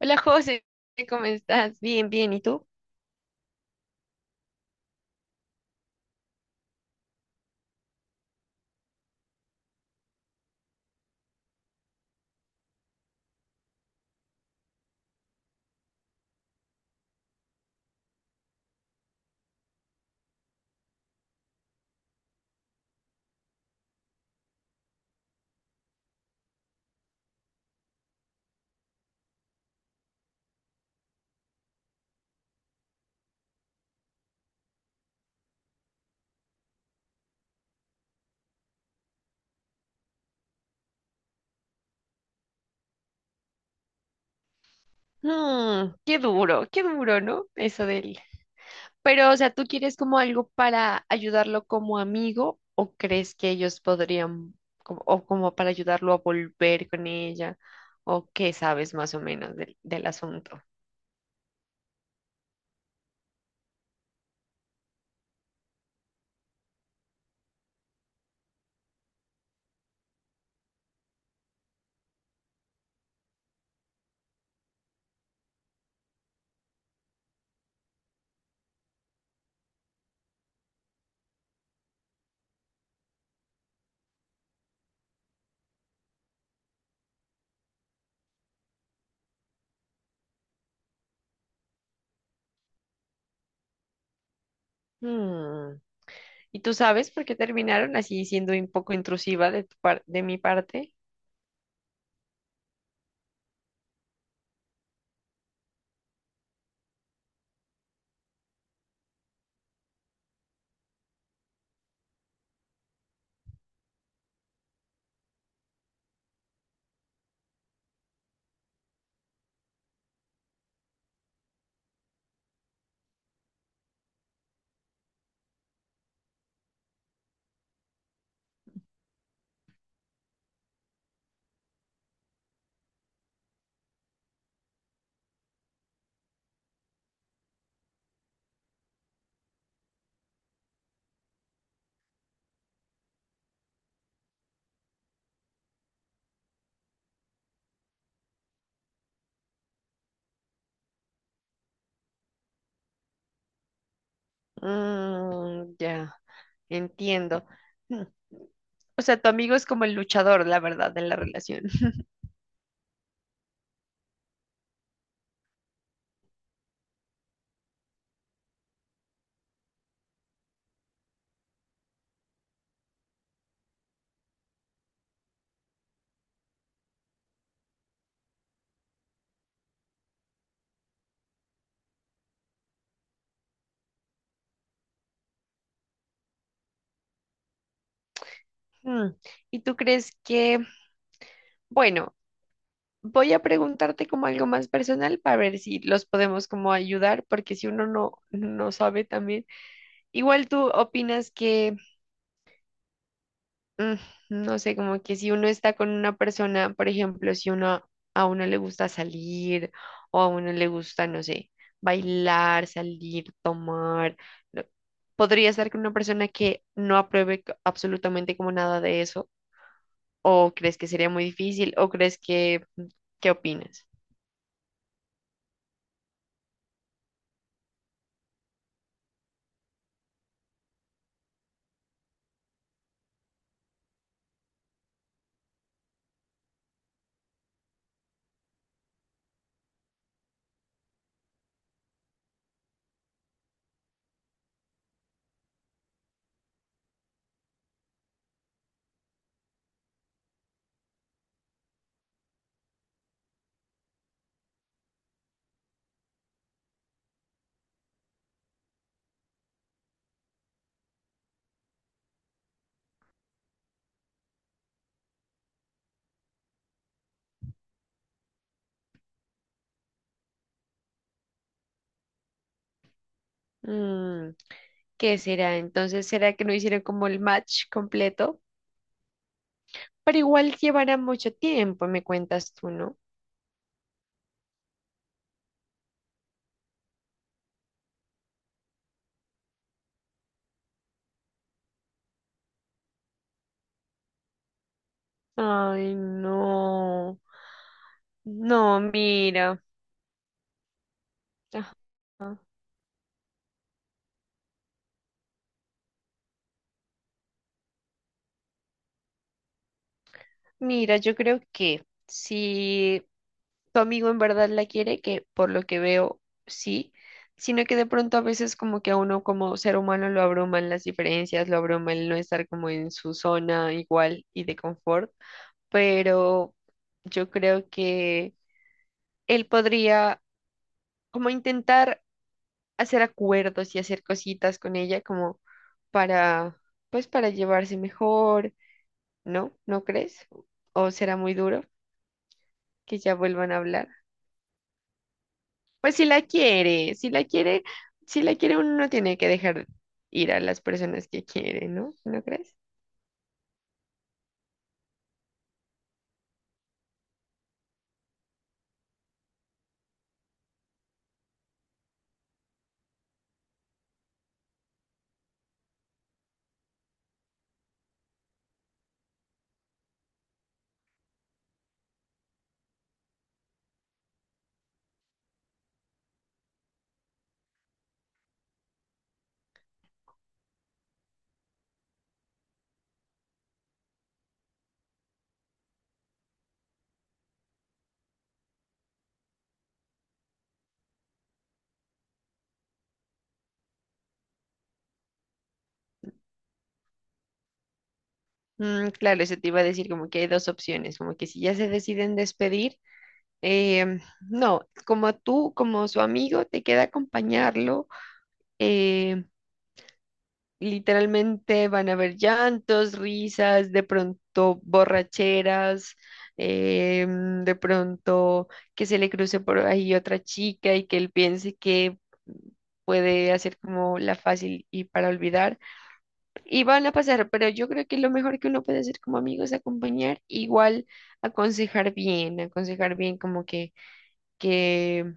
Hola José, ¿cómo estás? Bien, bien, ¿y tú? Mm, qué duro, ¿no? Eso del... Pero, o sea, ¿tú quieres como algo para ayudarlo como amigo o crees que ellos podrían, como, o como para ayudarlo a volver con ella? ¿O qué sabes más o menos del asunto? Mm. ¿Y tú sabes por qué terminaron? Así siendo un poco intrusiva de tu de mi parte. Mm, ya. Entiendo. Mm. O sea, tu amigo es como el luchador, la verdad, de la relación. Mm. ¿Y tú crees que, bueno, voy a preguntarte como algo más personal para ver si los podemos como ayudar, porque si uno no sabe también, igual tú opinas que... Mm, no sé, como que si uno está con una persona, por ejemplo, si uno a uno le gusta salir o a uno le gusta, no sé, bailar, salir, tomar, no, ¿podría estar con una persona que no apruebe absolutamente como nada de eso? ¿O crees que sería muy difícil? ¿O crees que, qué opinas? Mm, ¿qué será? Entonces, ¿será que no hicieron como el match completo? Pero igual llevará mucho tiempo, me cuentas tú, ¿no? Ay, no. No, mira. Ajá. Mira, yo creo que si tu amigo en verdad la quiere, que por lo que veo, sí, sino que de pronto a veces como que a uno como ser humano lo abruman las diferencias, lo abruma el no estar como en su zona igual y de confort, pero yo creo que él podría como intentar hacer acuerdos y hacer cositas con ella como para, pues para llevarse mejor, ¿no? ¿No crees? ¿O será muy duro que ya vuelvan a hablar? Pues si la quiere, si la quiere, si la quiere uno no tiene que dejar ir a las personas que quiere, ¿no? ¿No crees? Mm, claro, eso te iba a decir, como que hay dos opciones. Como que si ya se deciden despedir, em, no, como tú, como su amigo, te queda acompañarlo. em, Literalmente van a haber llantos, risas, de pronto borracheras, de pronto que se le cruce por ahí otra chica y que él piense que puede hacer como la fácil y para olvidar. Y van a pasar, pero yo creo que lo mejor que uno puede hacer como amigo es acompañar, igual aconsejar bien como que,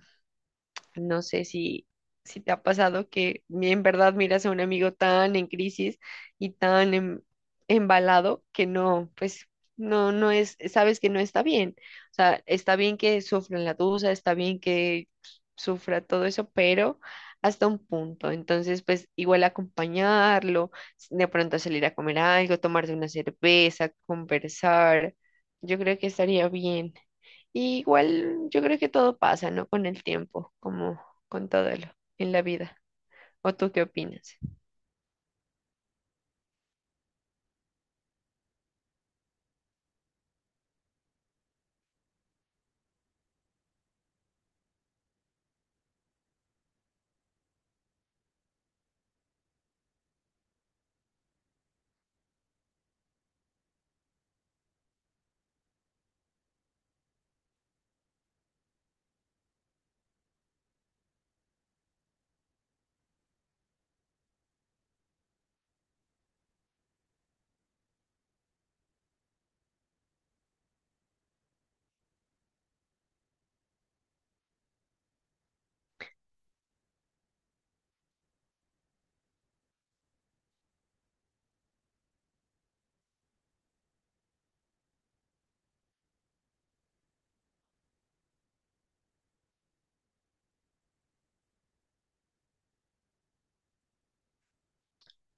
no sé si, si te ha pasado que en verdad miras a un amigo tan en crisis y tan embalado que no, pues no, no es, sabes que no está bien. O sea, está bien que sufran la duda, está bien que sufra todo eso, pero hasta un punto. Entonces, pues igual acompañarlo, de pronto salir a comer algo, tomarse una cerveza, conversar. Yo creo que estaría bien. Y igual yo creo que todo pasa, ¿no? Con el tiempo, como con todo lo, en la vida. ¿O tú qué opinas?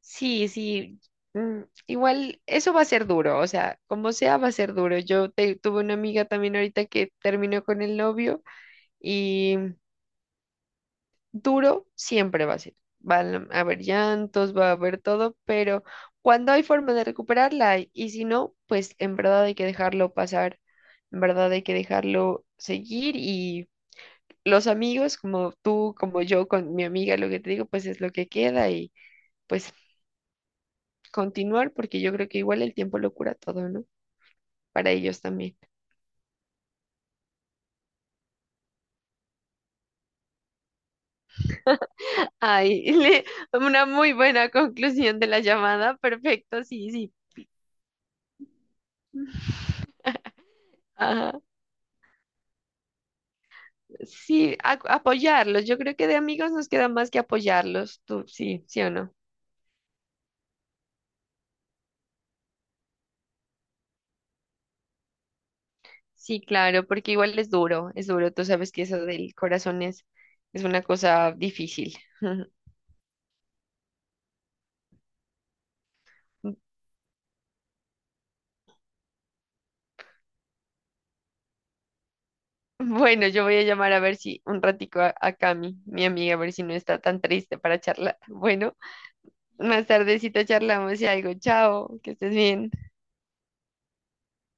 Sí, sí. Mm, igual eso va a ser duro, o sea, como sea va a ser duro. Tuve una amiga también ahorita que terminó con el novio y duro siempre va a ser. Van a haber llantos, va a haber todo, pero cuando hay forma de recuperarla hay, y si no, pues en verdad hay que dejarlo pasar, en verdad hay que dejarlo seguir, y los amigos, como tú, como yo, con mi amiga, lo que te digo, pues es lo que queda y pues continuar, porque yo creo que igual el tiempo lo cura todo, ¿no? Para ellos también. Ay, una muy buena conclusión de la llamada. Perfecto, sí, sí. Ajá. Sí, apoyarlos. Yo creo que de amigos nos queda más que apoyarlos. Tú, sí, sí o no. Sí, claro, porque igual es duro, es duro. Tú sabes que eso del corazón es una cosa difícil. Bueno, yo voy a llamar a ver si un ratico a Cami, mi amiga, a ver si no está tan triste para charlar. Bueno, más tardecito charlamos y algo. Chao, que estés bien.